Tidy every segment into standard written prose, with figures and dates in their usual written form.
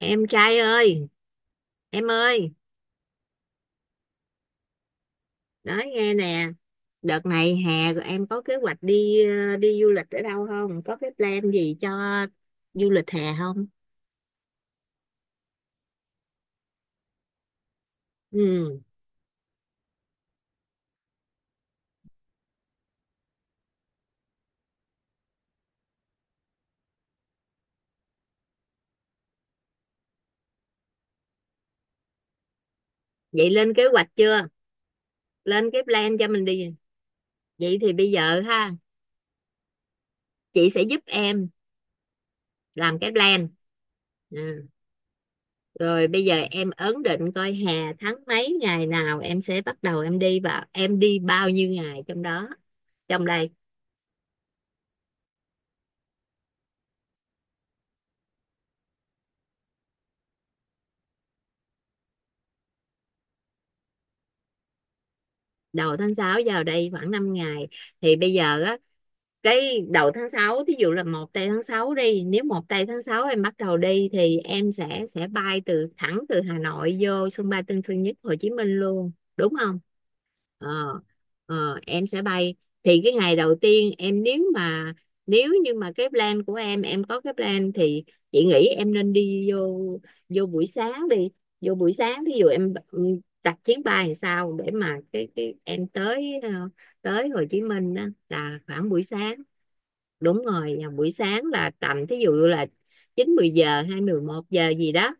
Em trai ơi, em ơi, nói nghe nè. Đợt này hè rồi, em có kế hoạch đi du lịch ở đâu không, có cái plan gì cho du lịch hè không? Ừ. Vậy lên kế hoạch chưa, lên cái plan cho mình đi. Vậy thì bây giờ ha, chị sẽ giúp em làm cái plan. Ừ. Rồi bây giờ em ấn định coi hè tháng mấy, ngày nào em sẽ bắt đầu em đi và em đi bao nhiêu ngày trong đó, trong đây. Đầu tháng 6 vào đây khoảng 5 ngày. Thì bây giờ á, cái đầu tháng 6 thí dụ là 1 tây tháng 6 đi, nếu 1 tây tháng 6 em bắt đầu đi thì em sẽ bay thẳng từ Hà Nội vô sân bay Tân Sơn Nhất Hồ Chí Minh luôn, đúng không? ờ, em sẽ bay. Thì cái ngày đầu tiên em, nếu như mà cái plan của em có cái plan thì chị nghĩ em nên đi vô vô buổi sáng đi, vô buổi sáng. Thí dụ em, đặt chuyến bay làm sao để mà cái em tới, tới Hồ Chí Minh á, là khoảng buổi sáng. Đúng rồi, nhà buổi sáng là tầm, thí dụ là chín mười giờ, hai mười một giờ gì đó,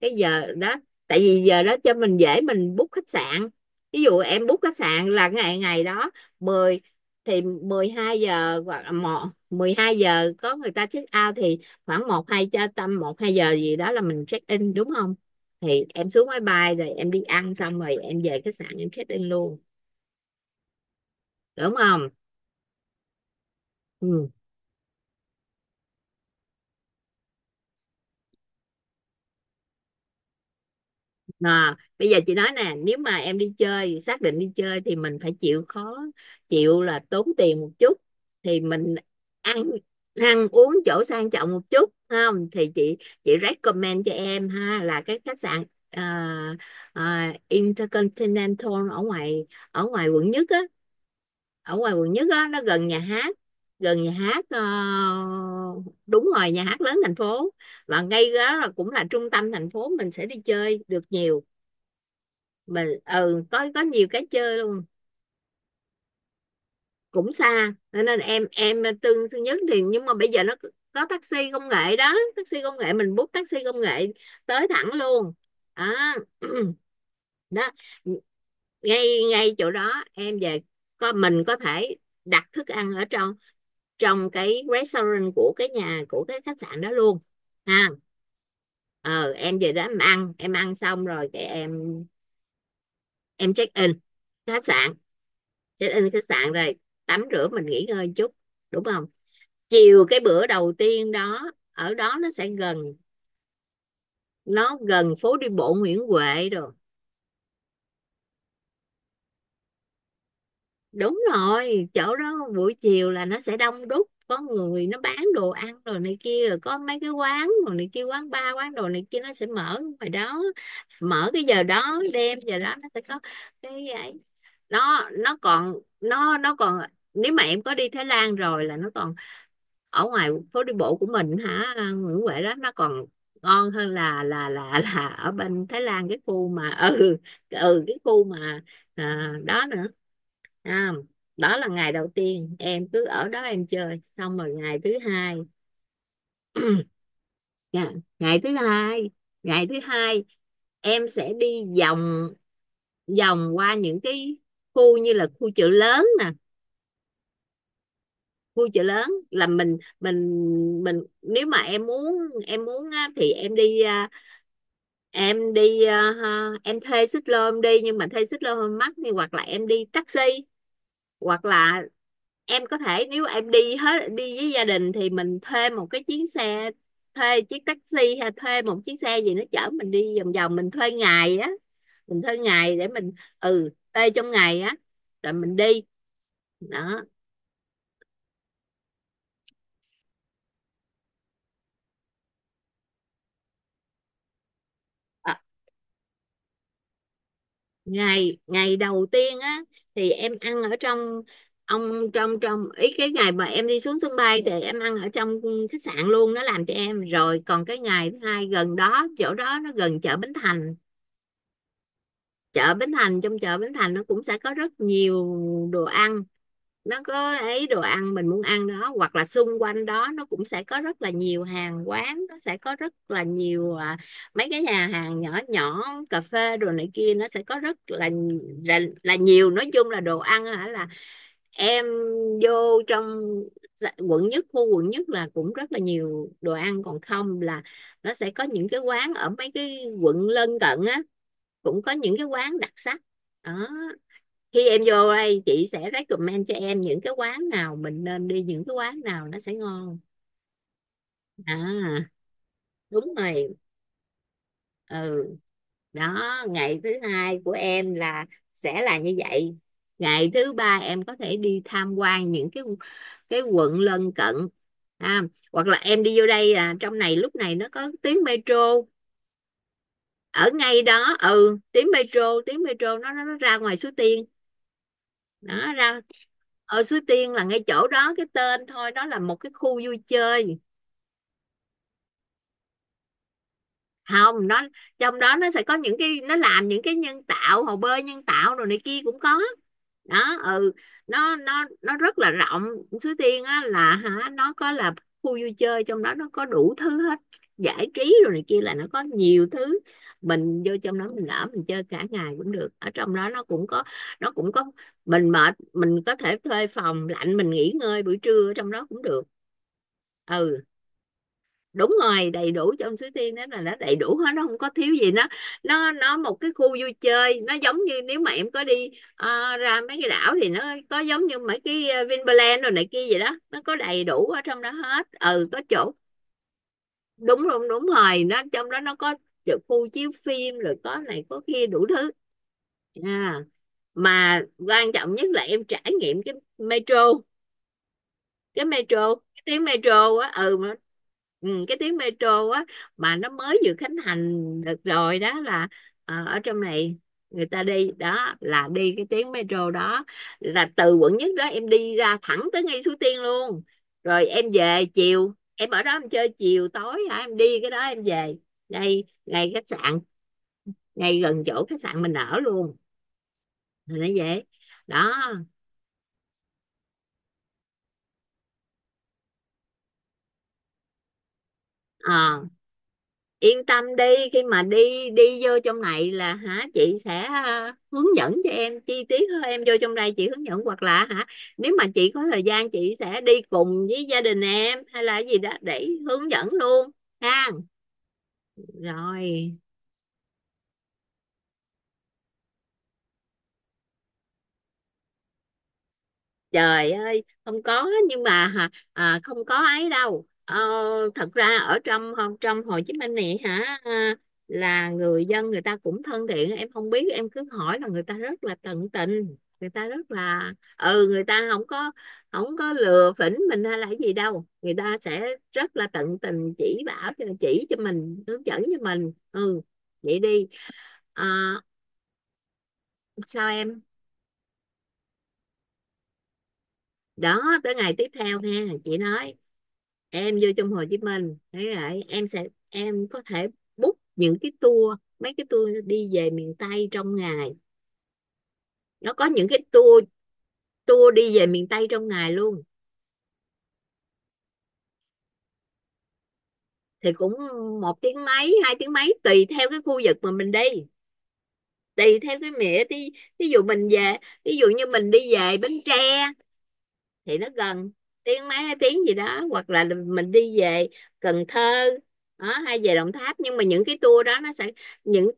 cái giờ đó. Tại vì giờ đó cho mình dễ mình book khách sạn. Ví dụ em book khách sạn là ngày ngày đó mười, thì 12 giờ hoặc là một 12 giờ có người ta check out, thì khoảng một hai cho tầm một hai giờ gì đó là mình check in, đúng không? Thì em xuống máy bay rồi em đi ăn xong rồi em về khách sạn em check in luôn, đúng không? Ừ. À, bây giờ chị nói nè, nếu mà em đi chơi, xác định đi chơi thì mình phải chịu khó, chịu là tốn tiền một chút, thì mình ăn ăn uống chỗ sang trọng một chút. Không thì chị recommend cho em ha, là cái khách sạn, à, Intercontinental ở ngoài quận 1 á. Ở ngoài quận nhất á, nó gần nhà hát, gần nhà hát, đúng rồi, nhà hát lớn thành phố. Và ngay đó là cũng là trung tâm thành phố, mình sẽ đi chơi được nhiều. Mình có nhiều cái chơi luôn. Cũng xa. Cho nên em tương thứ nhất thì, nhưng mà bây giờ nó có taxi công nghệ đó, taxi công nghệ, mình bút taxi công nghệ tới thẳng luôn. à, đó, ngay ngay chỗ đó em về, có mình có thể đặt thức ăn ở trong trong cái restaurant của cái khách sạn đó luôn, ha. Ờ em về đó em ăn xong rồi cái em check in khách sạn, check in khách sạn rồi tắm rửa, mình nghỉ ngơi chút, đúng không? Chiều cái bữa đầu tiên đó, ở đó nó gần phố đi bộ Nguyễn Huệ rồi. Đúng rồi, chỗ đó buổi chiều là nó sẽ đông đúc, có người nó bán đồ ăn rồi này kia, rồi có mấy cái quán rồi này kia, quán bar, quán đồ này kia, nó sẽ mở ngoài đó. Mở cái giờ đó, đêm giờ đó nó sẽ có cái ấy. Nó còn, nếu mà em có đi Thái Lan rồi, là nó còn ở ngoài phố đi bộ của mình hả, Nguyễn Huệ đó, nó còn ngon hơn là ở bên Thái Lan, cái khu mà ừ. Cái khu mà, à, đó nữa, à, đó là ngày đầu tiên em cứ ở đó em chơi xong rồi ngày thứ hai. Dạ. Ngày thứ hai, ngày thứ hai, em sẽ đi vòng vòng qua những cái khu, như là khu chợ lớn nè. Khu chợ lớn là mình nếu mà em muốn, em muốn á thì ha, em thuê xích lô em đi. Nhưng mà thuê xích lô hơi mắc, thì hoặc là em đi taxi, hoặc là em có thể, nếu em đi với gia đình thì mình thuê một cái chuyến xe, thuê chiếc taxi hay thuê một chiếc xe gì nó chở mình đi vòng vòng. Mình thuê ngày để mình, thuê trong ngày á, rồi mình đi, đó. À, ngày ngày đầu tiên á thì em ăn ở trong, ông, trong trong ý cái ngày mà em đi xuống sân bay thì em ăn ở trong khách sạn luôn, nó làm cho em rồi. Còn cái ngày thứ hai gần đó, chỗ đó nó gần chợ Bến Thành. Chợ Bến Thành, trong chợ Bến Thành nó cũng sẽ có rất nhiều đồ ăn. Nó có ấy đồ ăn mình muốn ăn đó, hoặc là xung quanh đó nó cũng sẽ có rất là nhiều hàng quán. Nó sẽ có rất là nhiều, mấy cái nhà hàng nhỏ nhỏ, cà phê, đồ này kia, nó sẽ có rất là là nhiều. Nói chung là đồ ăn hả, là em vô trong, quận 1, khu quận nhất là cũng rất là nhiều đồ ăn. Còn không là nó sẽ có những cái quán ở mấy cái quận lân cận á, cũng có những cái quán đặc sắc đó. Khi em vô đây chị sẽ recommend cho em những cái quán nào mình nên đi, những cái quán nào nó sẽ ngon. À, đúng rồi. Ừ. Đó, ngày thứ hai của em là sẽ là như vậy. Ngày thứ ba em có thể đi tham quan những cái quận lân cận. À, hoặc là em đi vô đây là trong này, lúc này nó có tuyến metro ở ngay đó, ừ, tuyến metro nó ra ngoài Suối Tiên. Đó, ra ở Suối Tiên là ngay chỗ đó, cái tên thôi. Đó là một cái khu vui chơi. Không, nó trong đó nó sẽ có những cái, nó làm những cái nhân tạo, hồ bơi nhân tạo rồi này kia cũng có đó. Ừ, nó rất là rộng. Suối Tiên á là hả, nó có là khu vui chơi, trong đó nó có đủ thứ hết, giải trí rồi này kia, là nó có nhiều thứ. Mình vô trong đó, mình ở mình chơi cả ngày cũng được. Ở trong đó nó cũng có, nó cũng có mình mệt mình có thể thuê phòng lạnh, mình nghỉ ngơi buổi trưa ở trong đó cũng được. Ừ, đúng rồi, đầy đủ. Trong Suối Tiên đó là nó đầy đủ hết, nó không có thiếu gì. Nó một cái khu vui chơi, nó giống như nếu mà em có đi, ra mấy cái đảo thì nó có giống như mấy cái, Vinpearl rồi này kia vậy đó. Nó có đầy đủ ở trong đó hết, ừ, có chỗ. Đúng, đúng, đúng rồi, nó trong đó nó có chỗ khu chiếu phim rồi, có này có kia đủ thứ. À. Mà quan trọng nhất là em trải nghiệm cái metro, cái tuyến metro á. Cái tuyến metro á, mà nó mới vừa khánh thành được rồi đó. Là, ở trong này người ta đi đó là đi cái tuyến metro đó, là từ quận 1 đó em đi ra thẳng tới ngay Suối Tiên luôn. Rồi em về chiều, em ở đó em chơi chiều tối hả, em đi cái đó em về ngay ngay khách sạn, ngay gần chỗ khách sạn mình ở luôn. Thì nó vậy đó. Ờ, yên tâm đi. Khi mà đi đi vô trong này là hả, chị sẽ, hướng dẫn cho em chi tiết hơn. Em vô trong đây chị hướng dẫn, hoặc là hả, nếu mà chị có thời gian chị sẽ đi cùng với gia đình em hay là gì đó để hướng dẫn luôn, ha. Rồi. Trời ơi, không có, nhưng mà hả, à, không có ấy đâu. Ờ, thật ra ở trong trong Hồ Chí Minh này hả, à, là người dân người ta cũng thân thiện. Em không biết em cứ hỏi là người ta rất là tận tình, người ta rất là, người ta không có lừa phỉnh mình hay là cái gì đâu. Người ta sẽ rất là tận tình, chỉ cho mình, hướng dẫn cho mình. Ừ, vậy đi. À, sao em? Đó, tới ngày tiếp theo ha, chị nói. Em vô trong Hồ Chí Minh thế vậy em sẽ em có thể book những cái tour mấy cái tour đi về miền Tây trong ngày, nó có những cái tour tour đi về miền Tây trong ngày luôn. Thì cũng một tiếng mấy hai tiếng mấy tùy theo cái khu vực mà mình đi, tùy theo cái mẹ đi. ví dụ mình về Ví dụ như mình đi về Bến Tre thì nó gần, tiếng mấy hai tiếng gì đó, hoặc là mình đi về Cần Thơ đó, hay về Đồng Tháp. Nhưng mà những cái tour đó nó sẽ những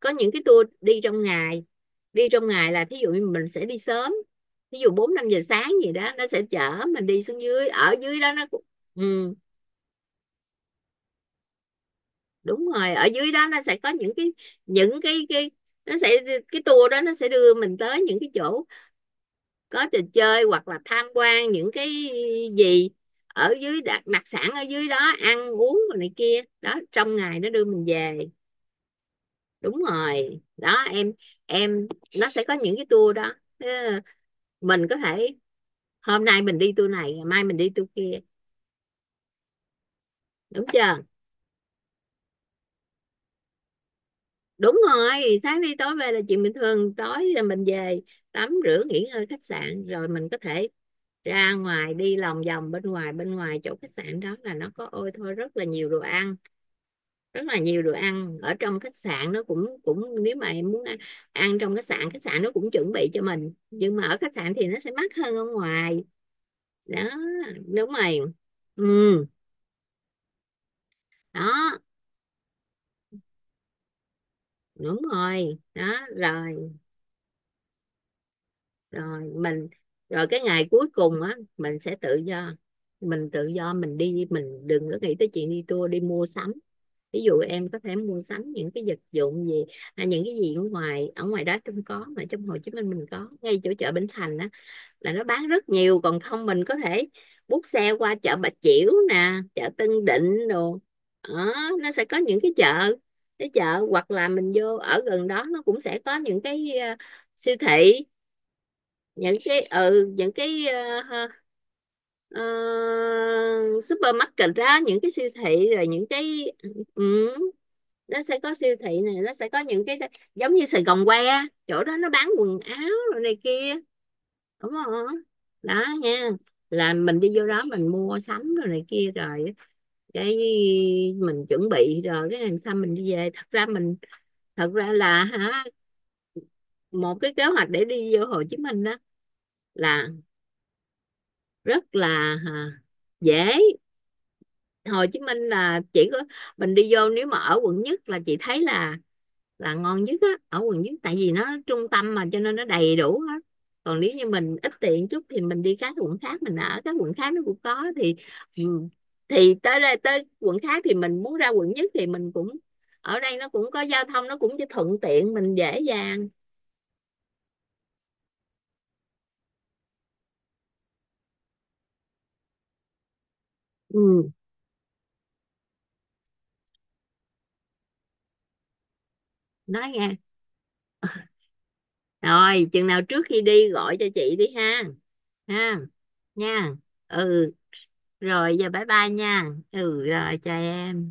có những cái tour đi trong ngày. Đi trong ngày là thí dụ như mình sẽ đi sớm, thí dụ bốn năm giờ sáng gì đó, nó sẽ chở mình đi xuống dưới, ở dưới đó nó ừ, đúng rồi. Ở dưới đó nó sẽ có những những cái cái nó sẽ cái tour đó, nó sẽ đưa mình tới những cái chỗ có trò chơi hoặc là tham quan những cái gì ở dưới, đặc sản ở dưới đó, ăn uống này kia, đó trong ngày nó đưa mình về. Đúng rồi đó em. em nó sẽ có những cái tour đó. Ờ, mình có thể hôm nay mình đi tour này, ngày mai mình đi tour kia, đúng chưa? Đúng rồi, sáng đi tối về là chuyện bình thường. Tối là mình về tắm rửa nghỉ ngơi khách sạn, rồi mình có thể ra ngoài đi lòng vòng bên ngoài, bên ngoài chỗ khách sạn đó là nó có ôi thôi rất là nhiều đồ ăn, rất là nhiều đồ ăn. Ở trong khách sạn nó cũng cũng nếu mà em muốn ăn, ăn trong khách sạn, khách sạn nó cũng chuẩn bị cho mình, nhưng mà ở khách sạn thì nó sẽ mắc hơn ở ngoài đó. Đúng rồi. Ừ, đó đúng rồi đó. Rồi rồi mình rồi cái ngày cuối cùng á mình sẽ tự do, mình tự do mình đi, mình đừng có nghĩ tới chuyện đi tour, đi mua sắm. Ví dụ em có thể mua sắm những cái vật dụng gì, à, những cái gì ở ngoài, ở ngoài đó không có, mà trong Hồ Chí Minh mình có ngay chỗ chợ Bến Thành á, là nó bán rất nhiều. Còn không mình có thể bút xe qua chợ Bà Chiểu nè, chợ Tân Định đồ đó, nó sẽ có những cái chợ, hoặc là mình vô ở gần đó nó cũng sẽ có những cái siêu thị, những cái ờ, supermarket đó, những cái siêu thị, rồi những cái ừ, nó sẽ có siêu thị này, nó sẽ có những cái giống như Sài Gòn que, chỗ đó nó bán quần áo rồi này kia, đúng không? Đó nha, là mình đi vô đó mình mua sắm rồi này kia, rồi cái mình chuẩn bị, rồi cái làm sao mình đi về. Thật ra mình, thật ra là hả, một cái kế hoạch để đi vô Hồ Chí Minh đó là rất là, à, dễ. Hồ Chí Minh là chỉ có mình đi vô, nếu mà ở quận nhất là chị thấy là ngon nhất á, ở quận nhất tại vì nó trung tâm mà cho nên nó đầy đủ hết. Còn nếu như mình ít tiền chút thì mình đi các quận khác, mình ở các quận khác nó cũng có thì ừ, thì tới đây tới quận khác thì mình muốn ra quận nhất thì mình cũng, ở đây nó cũng có giao thông, nó cũng thuận tiện mình dễ dàng. Ừ, nói nghe, rồi chừng nào trước khi đi gọi cho chị đi ha, ha, nha. Ừ, rồi giờ bye bye nha. Ừ, rồi chào em.